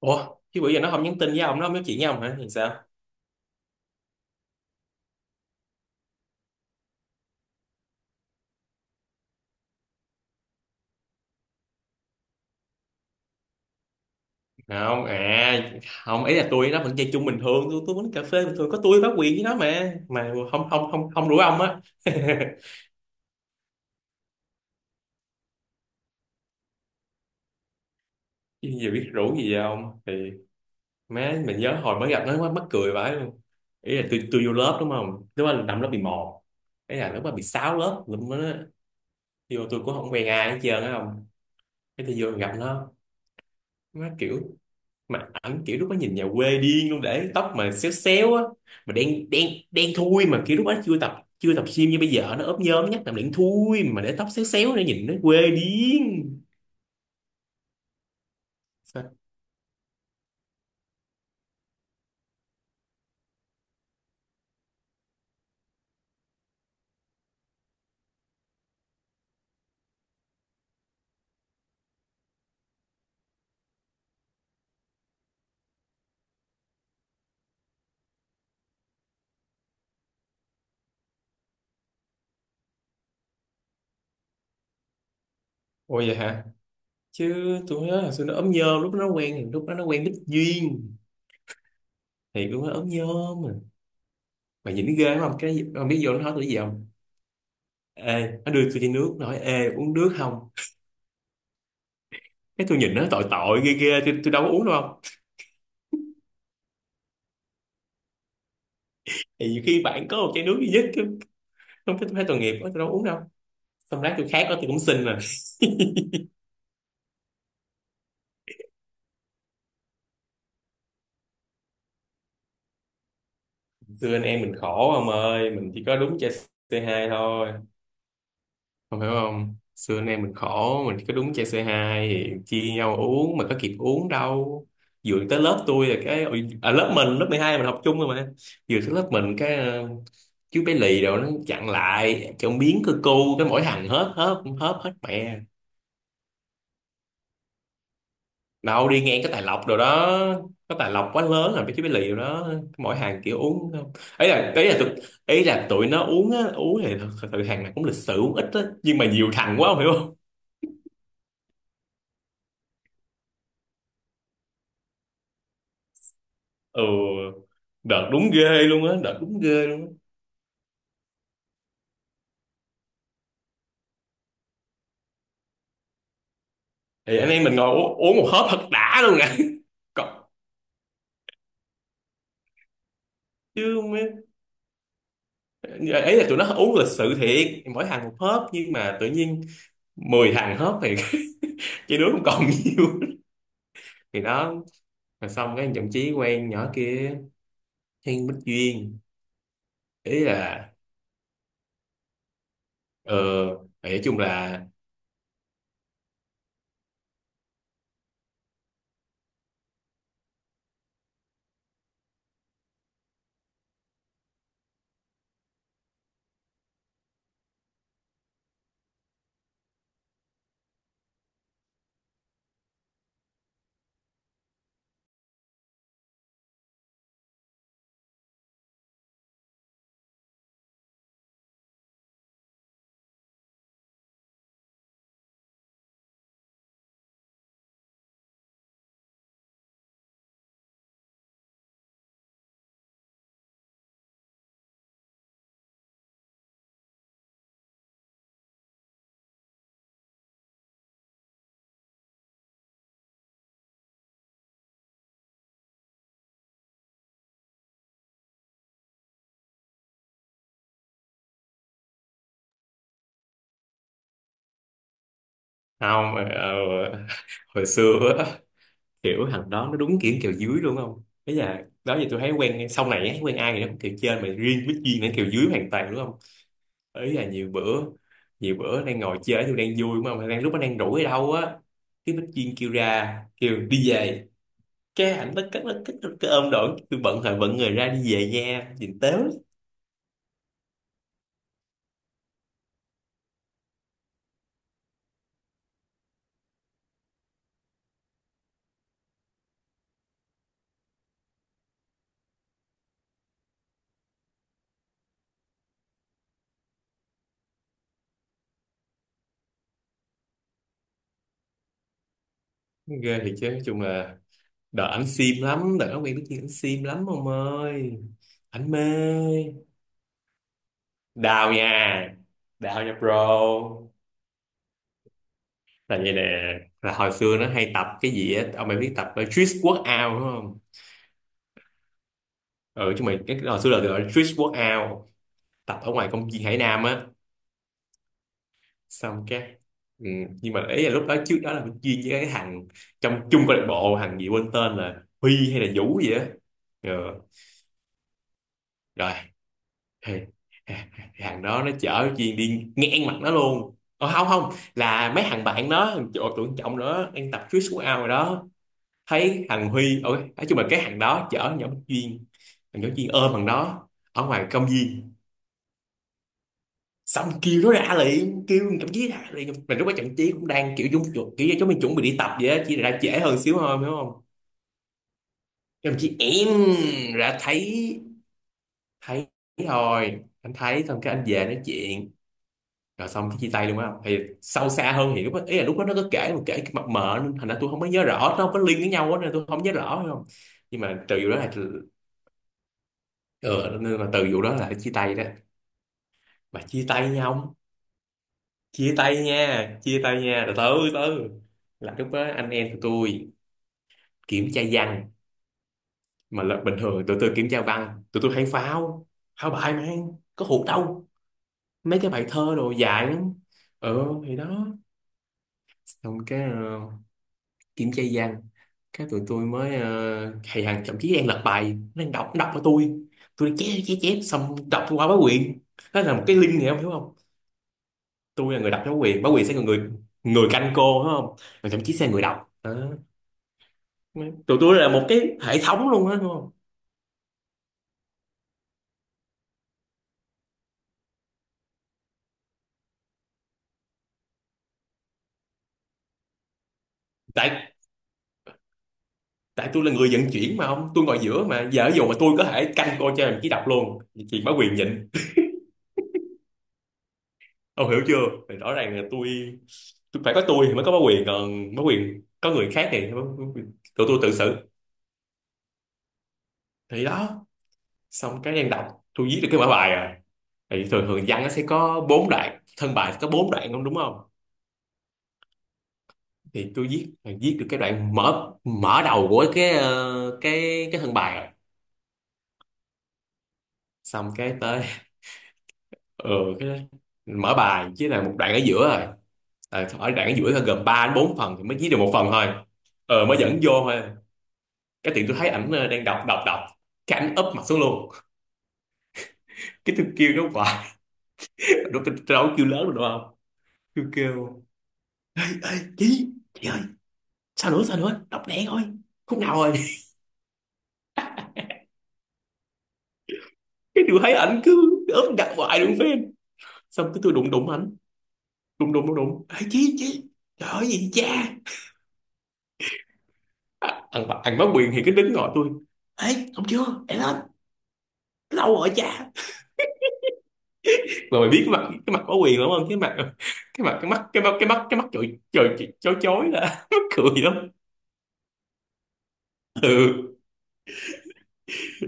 Ủa, chứ bữa giờ nó không nhắn tin với ông, nó không nói chuyện với ông hả thì sao? Không à? Không, ý là nó vẫn chơi chung bình thường, tôi uống cà phê bình thường có tôi bá quyền với nó mà không không không không rủ ông á. Chứ giờ biết rủ gì vậy ông thì má, mình nhớ hồi mới gặp nó quá mắc cười vãi luôn. Ý là tôi vô lớp đúng không, lúc đó là năm lớp 11, ý là lúc đó bị sáu lớp, lúc đó vô tôi cũng không quen ai hết trơn á, không, cái tôi vô gặp nó kiểu, mà ảnh kiểu lúc đó nhìn nhà quê điên luôn, để tóc mà xéo xéo á, mà đen đen đen thui, mà kiểu lúc đó chưa tập, chưa tập gym như bây giờ, nó ốp nhôm nhắc làm đen thui mà để tóc xéo xéo nữa nhìn nó quê điên. Sao? Ôi vậy hả? Chứ tôi nhớ là xưa nó ốm nhôm, lúc nó quen, lúc đó nó quen Bích Duyên thì cũng nó ốm nhôm mà nhìn nó ghê không, cái không biết vô nó nói tôi cái gì không, ê nó đưa tôi chai nước nói ê uống nước không, cái tôi nhìn nó tội tội ghê ghê, tôi đâu có uống đâu không, thì nhiều khi bạn có một chai nước duy nhất chứ. Không, cái tôi thấy tội nghiệp quá tôi đâu có uống đâu, xong rác tôi khác đó tôi cũng xin mà. Xưa anh em mình khổ ông ơi, mình chỉ có đúng chơi C2 thôi, không hiểu không, xưa anh em mình khổ, mình chỉ có đúng chơi C2 thì chia nhau uống mà có kịp uống đâu, vừa tới lớp tôi là cái ôi, à, lớp mình lớp 12 mình học chung rồi mà, vừa tới lớp mình cái chú bé lì rồi nó chặn lại chọn biến cơ cu cái mỗi thằng hết hết hết hết mẹ, đâu đi ngang cái Tài Lộc rồi đó, cái Tài Lộc quá lớn rồi mấy cái bí lì rồi đó, mỗi hàng kiểu uống không, ấy là ấy là tụi ấy là tụi nó uống á, uống thì thật sự hàng này cũng lịch sự uống ít á nhưng mà nhiều thằng quá không hiểu không. Ừ, đợt đúng ghê luôn á, đợt đúng ghê luôn á, thì anh em mình ngồi uống, uống một hớp thật đã luôn nè. Còn- chứ mấy- ấy là tụi nó uống lịch sự thiệt, mỗi thằng một hớp nhưng mà tự nhiên 10 thằng hớp thì chỉ đứa không còn nhiều, thì đó. Rồi xong cái thậm chí quen nhỏ kia, Thiên Bích Duyên, ý là ờ, nói chung là, không, hồi xưa á, kiểu thằng đó nó đúng kiểu kèo dưới luôn không, ý là đó giờ tôi thấy quen sau này ấy, quen ai thì nó cũng kèo trên mà riêng với Duyên nó kèo dưới hoàn toàn đúng không. Ý là nhiều bữa, nhiều bữa đang ngồi chơi tôi đang vui mà đang lúc nó đang rủ ở đâu á, cái Bích Duyên kêu ra kêu đi về, cái ảnh nó cất, nó cất cái ôm đổi tôi bận thời bận người ra đi về nha nhìn tếu ghê. Thì chứ nói chung là, đợt ảnh sim lắm, đợt nó quen biết kia ảnh sim lắm ông ơi. Ảnh mê. Đào nha. Đào nha bro. Là vậy nè, là hồi xưa nó hay tập cái gì á, ông mày biết tập Trick Workout đúng không? Ừ, chúng mày cái hồi xưa là gọi là Trick Workout, tập ở ngoài công viên Hải Nam á. Xong cái, ừ, nhưng mà ý là lúc đó, trước đó là mình chuyên với cái thằng trong chung câu lạc bộ, thằng gì quên tên là Huy hay là Vũ gì á. Ừ. Rồi thì hàng đó nó chở chuyện đi ngang mặt nó luôn. Ờ, không không là mấy thằng bạn nó, thằng chỗ tưởng trọng nữa đang tập trước xuống ao rồi đó, thấy thằng Huy, ôi nói chung là cái thằng đó chở nhỏ Duyên, thằng nhỏ Duyên ôm thằng đó ở ngoài công viên, xong kêu nó ra liền, kêu thằng Trọng chí ra liền, mà lúc đó thằng chí cũng đang kiểu dung chuột kiểu giống chúng mình chuẩn bị đi tập vậy á, chỉ là ra trễ hơn xíu thôi hiểu không. Thằng chí em ra thấy, thấy, thôi anh thấy xong cái anh về nói chuyện, rồi xong cái chia tay luôn á, thì sâu xa hơn hiểu á. Ý là lúc đó nó có kể mà kể cái mập mờ nên thành ra tôi không có nhớ rõ, nó không có liên với nhau á nên tôi không nhớ rõ phải không. Nhưng mà từ vụ đó là, ừ, nên mà từ vụ đó là chia tay đó, mà chia tay nhau, chia tay nha, chia tay nha, từ từ từ là lúc đó anh em tụi tôi kiểm tra văn, mà là bình thường tụi tôi kiểm tra văn tụi tôi hay phao, phao bài mà có hụt đâu, mấy cái bài thơ đồ dài lắm. Ừ thì đó, xong cái kiểm tra văn, cái tụi tôi mới thầy Hằng thậm chí đang lật bài, nó đang đọc, nó đọc cho tôi đang chép chép chép xong đọc qua báo quyền, đó là một cái link này không hiểu không. Tôi là người đọc, báo quyền, báo quyền sẽ là người, người canh cô đúng không, rồi thậm chí sẽ là người đọc đó. Tụi tôi là một cái hệ thống luôn á đúng không. Tại tại tôi là người vận chuyển mà không, tôi ngồi giữa mà, giờ ví dụ mà tôi có thể canh cô cho đồng chí đọc luôn, chị báo quyền nhịn, ông hiểu chưa. Thì rõ ràng là tôi phải có tôi thì mới có bá quyền, còn bá quyền có người khác thì tụi tôi tự xử, thì đó. Xong cái đang đọc, tôi viết được cái mở bài rồi, thì thường thường văn nó sẽ có bốn đoạn thân bài, có bốn đoạn không đúng không. Thì tôi viết, viết được cái đoạn mở mở đầu của cái cái thân bài rồi, xong cái tới, ừ, cái mở bài với là một đoạn ở giữa rồi. Ờ, ở đoạn ở giữa là gồm 3 đến 4 phần thì mới viết được một phần thôi. Ờ mới dẫn vô thôi, cái tiện tôi thấy ảnh đang đọc đọc đọc, cái ảnh úp mặt xuống luôn, cái tôi kêu nó hoài, nó tôi đâu có kêu lớn được đúng không. Tôi kêu, ê chị ơi, sao nữa sao nữa, đọc lẹ thôi, khúc nào rồi. Cái tôi thấy ảnh cứ úp đặt hoài luôn phim, xong cái tôi đụng đụng ảnh, đụng đụng ê chị, trời ơi gì cha, à, ăn ăn bá quyền thì cái đứng gọi tôi, ê không chưa để lên, lâu rồi cha. Mà mày biết cái mặt, cái mặt bá quyền đúng không, cái mặt cái mắt trời trời chói chói là mắc cười lắm. Ừ,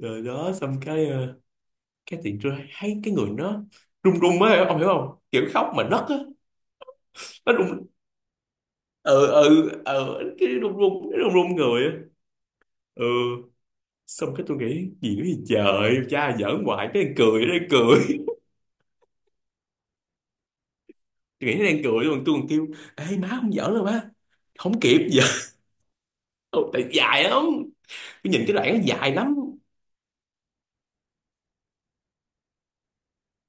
rồi đó xong cái cái tiện tôi thấy cái người nó run run á, ông hiểu không, kiểu khóc mà nấc á. Nó run, ừ cái run run, cái run run người á. Ừ, xong cái tôi nghĩ gì nữa, gì trời cha giỡn hoài, cái đang cười, nó đang cười. Tôi nghĩ nó đang cười luôn, tôi còn kêu, ê má không giỡn đâu má, không kịp giờ. Tại dài lắm, tôi nhìn cái đoạn nó dài lắm,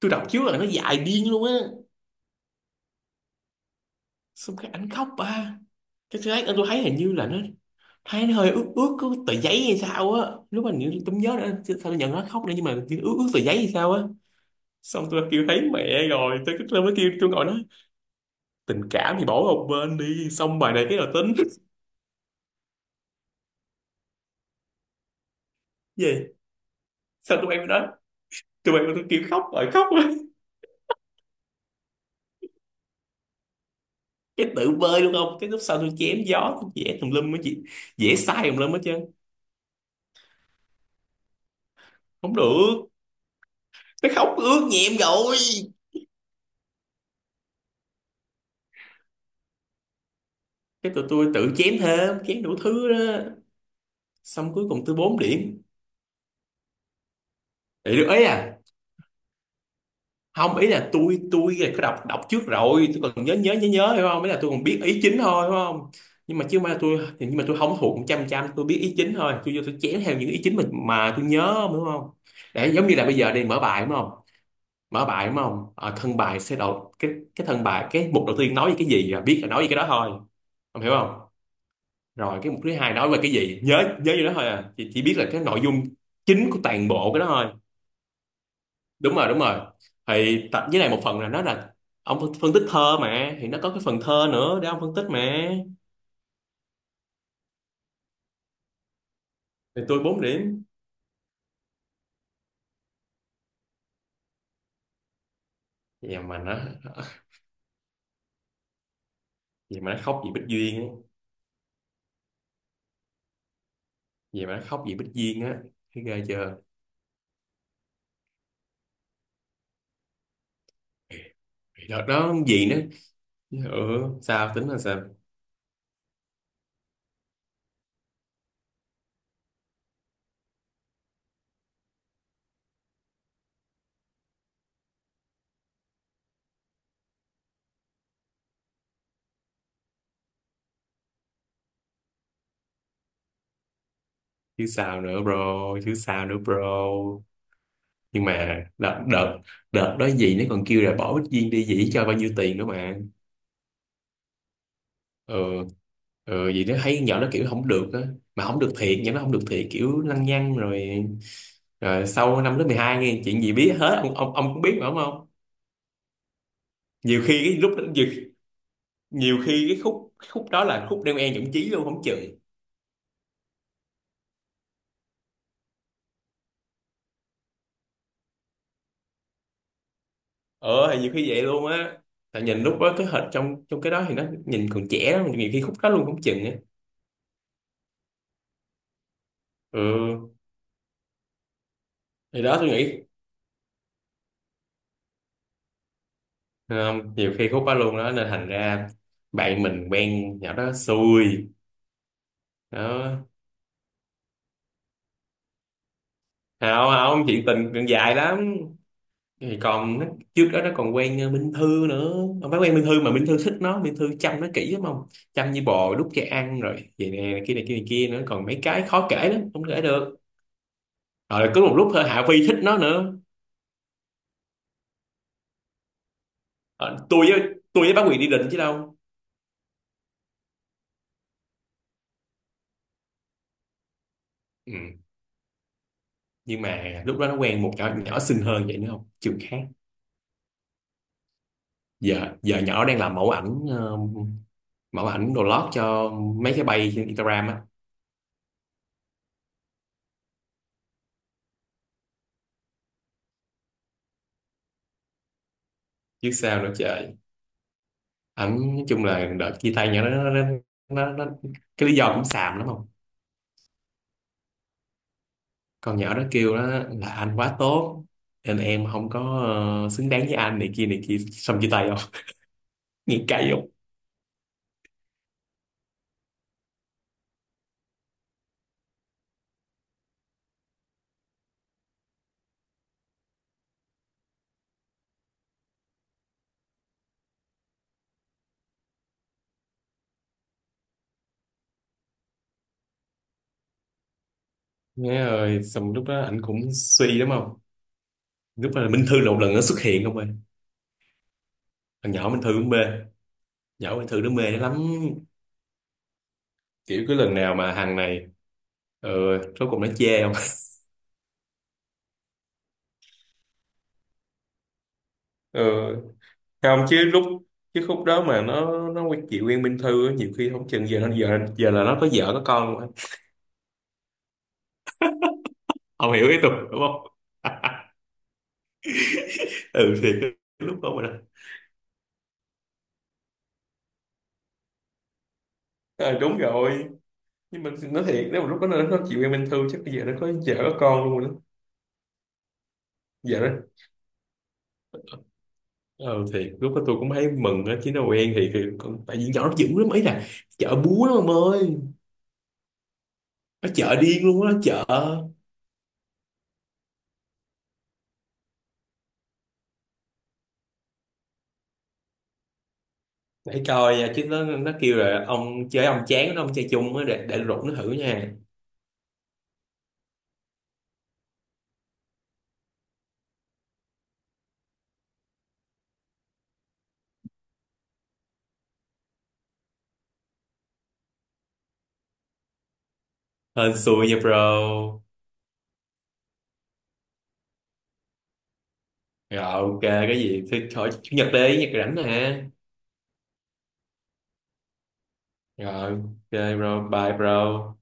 tôi đọc trước là nó dài điên luôn á. Xong cái ảnh khóc ba, cái thứ ấy tôi thấy hình như là nó, thấy nó hơi ướt ướt có tờ giấy hay sao á, lúc mà nhớ- tôi không nhớ nữa chứ sao tôi nhận nó khóc nữa, nhưng mà kiểu ướt ướt tờ giấy hay sao á. Xong tôi kêu thấy mẹ rồi, tôi mới kêu, tôi ngồi nói, tình cảm thì bỏ một bên đi, xong bài này cái nào tính. Gì, sao tụi em đó, tụi em tôi kêu khóc rồi khóc rồi. Cái tự bơi luôn không cái lúc sau tôi chém gió tôi vẽ tùm lum á chị. Vẽ sai tùm lum hết trơn. Không được. Nó khóc ướt nhẹm rồi. Cái tụi tôi tự chém thêm chém đủ thứ đó. Xong cuối cùng tôi 4 điểm. Để được ấy à? Không, ý là tôi là có đọc đọc trước rồi, tôi còn nhớ nhớ nhớ nhớ, hiểu không? Ý là tôi còn biết ý chính thôi, hiểu không? Nhưng mà chứ mà tôi thì nhưng mà tôi không thuộc một trăm trăm, tôi biết ý chính thôi, tôi vô tôi chén theo những ý chính mà tôi nhớ, đúng không? Để giống như là bây giờ đi, mở bài đúng không, mở bài đúng không? Ờ, thân bài sẽ đầu cái thân bài, cái mục đầu tiên nói về cái gì là biết là nói về cái đó thôi không, hiểu không? Rồi cái mục thứ hai nói về cái gì, nhớ nhớ như đó thôi à chỉ, biết là cái nội dung chính của toàn bộ cái đó thôi. Đúng rồi, đúng rồi. Thì tập với này một phần là nó là ông phân phân tích thơ mà, thì nó có cái phần thơ nữa để ông phân tích mà. Thì tôi bốn điểm. Vậy mà nó, vậy mà nó khóc vì Bích Duyên á, vậy mà nó khóc vì Bích Duyên á, thấy ghê chưa. Thì đợt đó gì nữa. Ừ, sao tính là sao. Chứ sao nữa bro, chứ sao nữa bro. Nhưng mà đợt đợt đợt đó gì, nó còn kêu là bỏ Bích Duyên đi dĩ cho bao nhiêu tiền nữa mà. Ờ. Ờ vậy đó, thấy nhỏ nó kiểu không được á, mà không được thiệt, nhỏ nó không được thiệt, kiểu lăng nhăng rồi. Rồi sau năm lớp 12 nghe chuyện gì biết hết, ông cũng biết mà, đúng không. nhiều khi cái lúc đó, nhiều, nhiều khi cái khúc đó là khúc đeo e nhũng chí luôn không chừng. Ờ thì nhiều khi vậy luôn á, tại nhìn lúc đó cái hình trong trong cái đó thì nó nhìn còn trẻ lắm, nhiều khi khúc đó luôn không chừng á. Ừ thì đó tôi nghĩ không, nhiều khi khúc đó luôn đó nên thành ra bạn mình quen nhỏ đó xui đó. Không không, chuyện tình còn dài lắm. Thì còn nó, trước đó nó còn quen ờ, Minh Thư nữa. Không phải quen Minh Thư mà Minh Thư thích nó, Minh Thư chăm nó kỹ lắm không, chăm như bò đút cho ăn rồi vậy nè, này kia này kia này kia nữa, còn mấy cái khó kể lắm không kể được. Rồi có một lúc thôi Hạ Phi thích nó nữa. Ờ, tôi với, tôi với Bá Quyền đi định chứ đâu. Ừ. Nhưng mà lúc đó nó quen một nhỏ nhỏ xinh hơn vậy nữa không, trường khác. Giờ giờ nhỏ đang làm mẫu ảnh, ờ, mẫu ảnh đồ lót cho mấy cái bay trên Instagram á. Chứ sao nữa trời. Ẩn nói chung là đợt chia tay nhỏ đó nó cái lý do cũng xàm lắm không. Con nhỏ đó kêu đó là anh quá tốt nên em không có ờ, xứng đáng với anh, này kia này kia, xong chia tay không. nghe cay không. Nghe rồi xong lúc đó anh cũng suy lắm không. Lúc đó là Minh Thư là một lần nó xuất hiện không ơi. Thằng nhỏ Minh Thư cũng mê, nhỏ Minh Thư nó mê lắm. Kiểu cái lần nào mà thằng này ừ, rốt cuộc nó chê không. ừ. Không chứ lúc, chứ khúc đó mà nó quen chị quen Minh Thư á, nhiều khi không chừng giờ nó giờ giờ là nó có vợ có con luôn á. Ông hiểu ý tôi đúng không. ừ thì cái lúc đó mà ờ, đúng rồi. Nhưng mà nói thiệt nếu mà lúc đó nó chịu em Minh Thư chắc bây giờ nó có vợ có con luôn rồi đó. Vợ đó. Ờ thiệt lúc đó tôi cũng thấy mừng á chứ nó quen thì còn tại vì nhỏ nó dữ lắm ấy là chợ búa đó ông ơi. Nó chợ điên luôn á chợ. Để coi nha, chứ nó kêu là ông chơi ông chán nó ông chơi chung á, để rủ nó thử nha. Hên xui nha bro. Rồi ok, cái gì thì khỏi Chủ nhật đi, nhật rảnh nè. Rồi ok bro, bye bro.